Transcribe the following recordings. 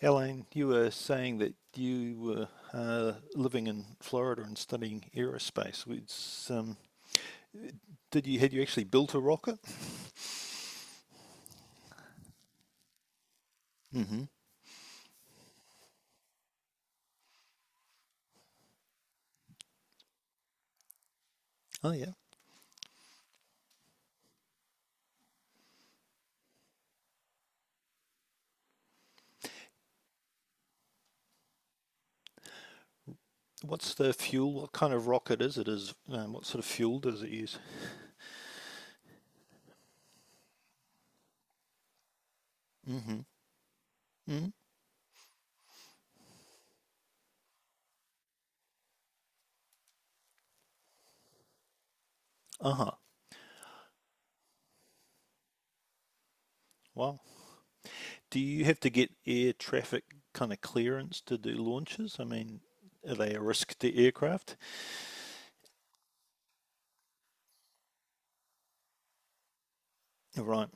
Elaine, you were saying that you were living in Florida and studying aerospace. Um, did you had you actually built a rocket? Hmm. Oh yeah. What's the fuel? What kind of rocket is it? Is What sort of fuel does it use? Hmm. Mm. Uh huh. Wow. Do you have to get air traffic kind of clearance to do launches? I mean, are they a risk to aircraft? Right.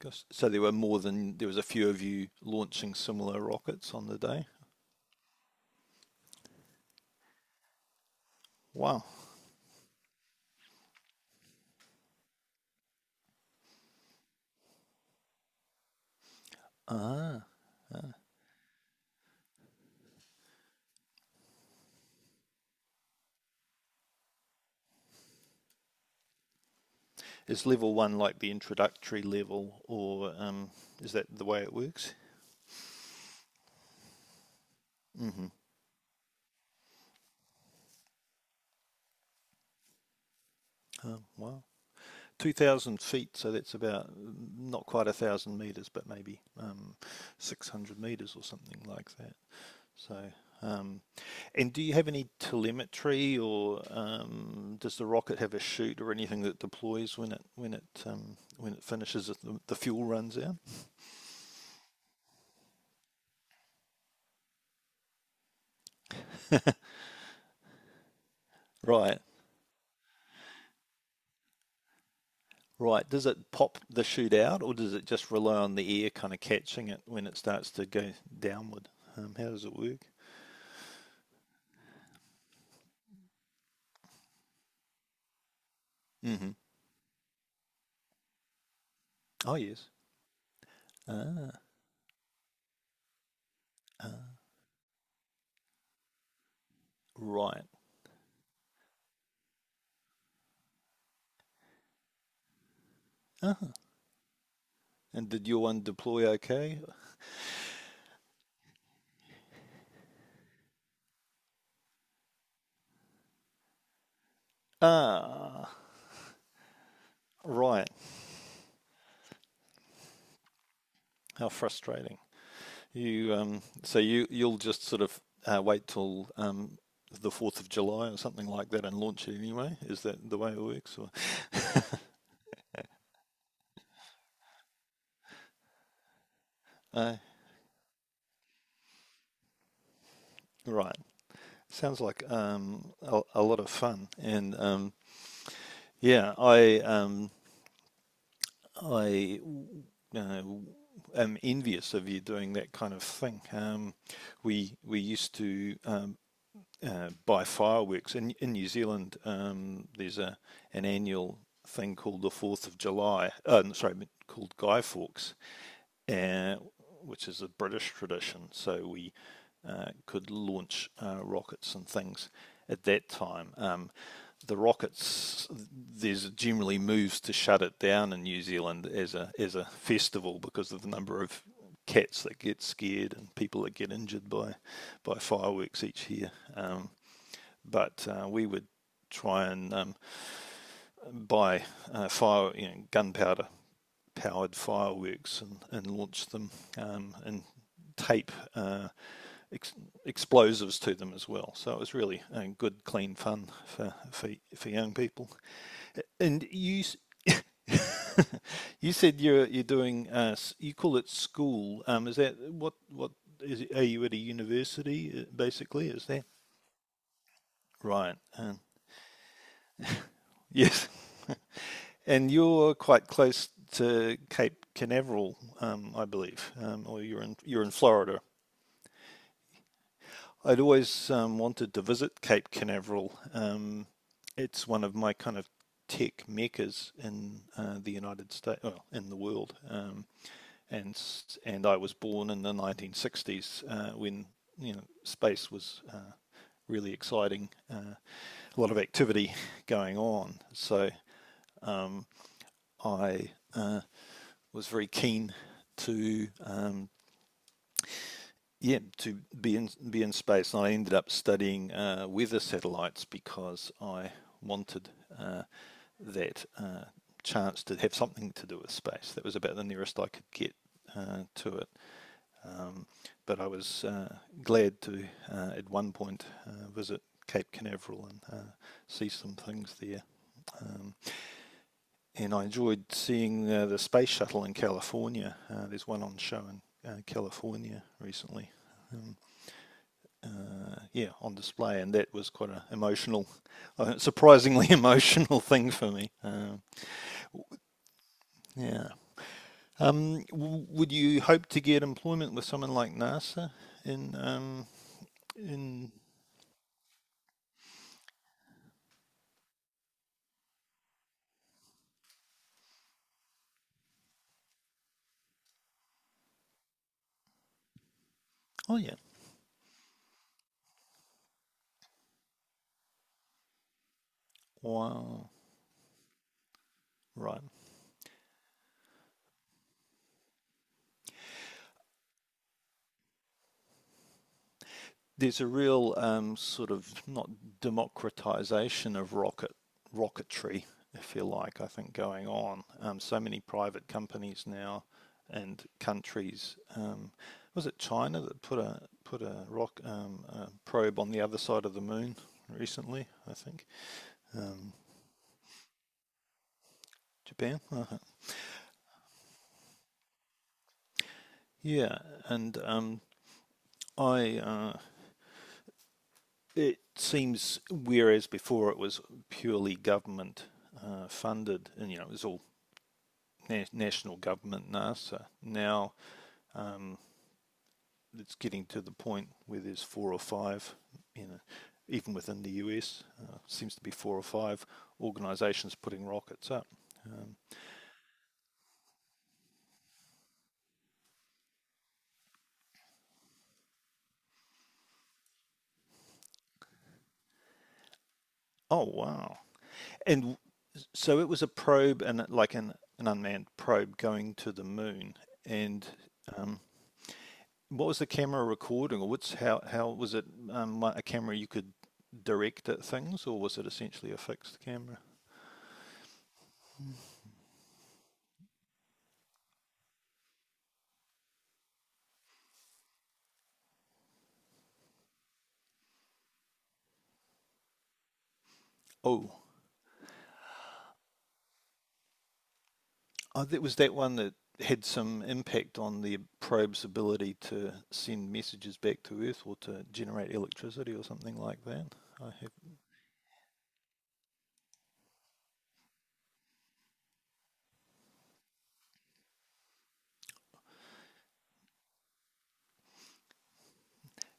So there were more than there was a few of you launching similar rockets on the day. Wow. Ah. Is level one like the introductory level, or is that the way it works? Wow. 2,000 feet, so that's about not quite a thousand meters, but maybe 600 meters or something like that. So, um, and do you have any telemetry, or does the rocket have a chute or anything that deploys when it finishes the fuel runs out? Right. Right. Does it pop the shoot out, or does it just rely on the air kind of catching it when it starts to go downward? How does it work? Hmm. Oh, yes. Ah, ah, right. Uh-huh. And did your one deploy okay? Ah, right. How frustrating. You so you you'll just sort of wait till the Fourth of July or something like that and launch it anyway. Is that the way it works? Or uh, right. Sounds like a lot of fun, and Yeah, I uh, am envious of you doing that kind of thing. We used to buy fireworks in New Zealand. There's a an annual thing called the Fourth of July. No, sorry, called Guy Fawkes, uh, which is a British tradition. So we could launch rockets and things at that time. The rockets, there's generally moves to shut it down in New Zealand as a festival because of the number of cats that get scared and people that get injured by fireworks each year. But we would try and buy fire, you know, gunpowder powered fireworks and launch them and tape ex- explosives to them as well. So it was really good, clean fun for young people. And you you said you call it school. Is that what is it, are you at a university basically? Is that right? Yes. And you're quite close to Cape Canaveral, I believe, or you're in Florida. I'd always wanted to visit Cape Canaveral. It's one of my kind of tech meccas in the United States, well, in the world. And and I was born in the 1960s when you know space was really exciting, a lot of activity going on. So I was very keen to yeah to be in space. And I ended up studying weather satellites because I wanted uh, that chance to have something to do with space. That was about the nearest I could get to it. But I was glad to at one point visit Cape Canaveral and see some things there. Um, and I enjoyed seeing the space shuttle in California. There's one on show in California recently. Um, yeah, on display, and that was quite an emotional, surprisingly emotional thing for me. Um, yeah. Would you hope to get employment with someone like NASA in in? Oh yeah. Wow. Right. There's a real sort of not democratization of rocketry, if you like, I think going on. So many private companies now and countries. Was it China that put a probe on the other side of the moon recently? I think um, Japan. Uh-huh. Yeah, and I It seems whereas before it was purely government funded, and you know it was all national government NASA now um, it's getting to the point where there's four or five, you know, even within the US, seems to be four or five organisations putting rockets up. Um, oh wow! And so it was a probe and like an unmanned probe going to the moon. And um, what was the camera recording, or what's how was it like, a camera you could direct at things, or was it essentially a fixed camera? Oh, Oh, that was that one that had some impact on the probe's ability to send messages back to Earth or to generate electricity or something like that. I have,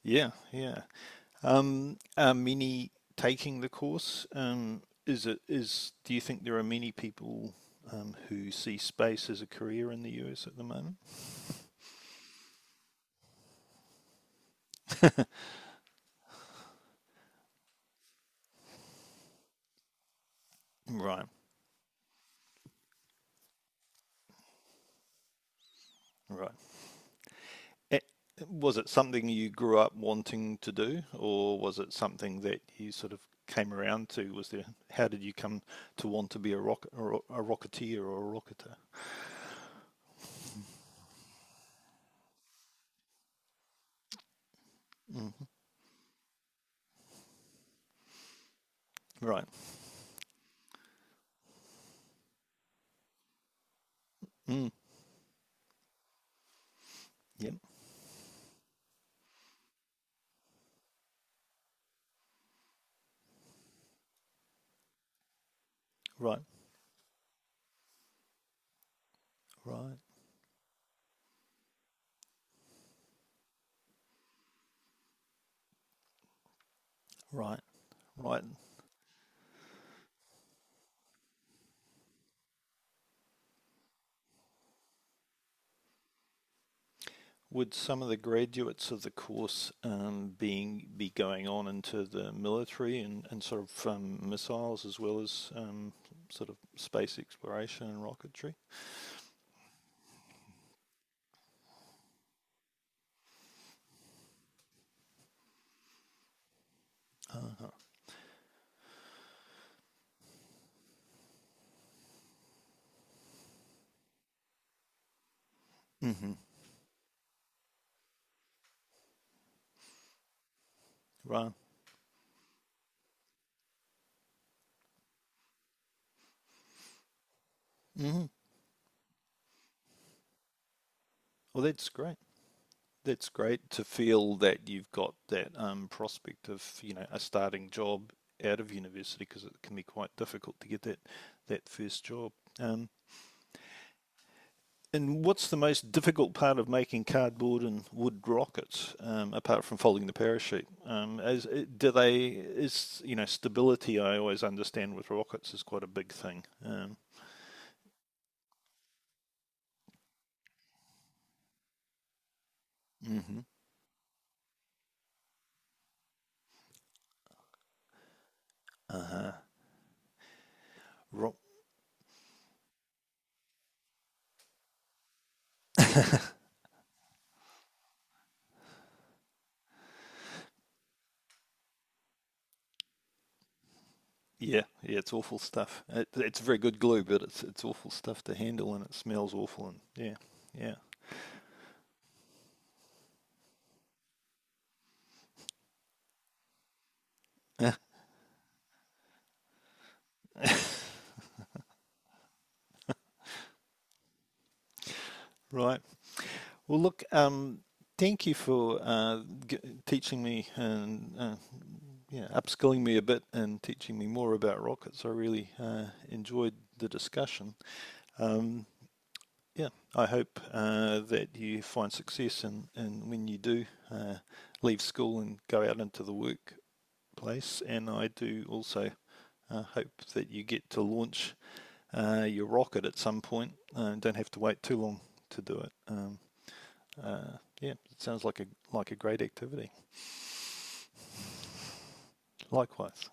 yeah, yeah. Are many taking the course? Is it is? Do you think there are many people who see space as a career in the US at the moment? Right, right. Eh, was it something you grew up wanting to do, or was it something that you sort of came around to? How did you come to want to be a rocketeer or a rocketer? Hmm. Right. Mm. Yep. Right. Right. Right. Right. Would some of the graduates of the course being be going on into the military and sort of missiles as well as sort of space exploration and rocketry? Uh-huh. Hmm. Right. Mhm. Well, that's great. That's great to feel that you've got that prospect of, you know, a starting job out of university because it can be quite difficult to get that first job. Um, and what's the most difficult part of making cardboard and wood rockets, apart from folding the parachute? As do they is you know stability? I always understand with rockets is quite a big thing. Hmm. Uh-huh. Ro- yeah, yeah, it's awful stuff. It's very good glue, but it's awful stuff to handle, and it smells awful. And yeah, yeah, ah, right. Well, look, thank you for teaching me and yeah, upskilling me a bit and teaching me more about rockets. I really enjoyed the discussion. Um, yeah, I hope that you find success, and when you do, leave school and go out into the workplace. And I do also hope that you get to launch your rocket at some point, and don't have to wait too long to do it. Yeah, it sounds like a great activity. Likewise.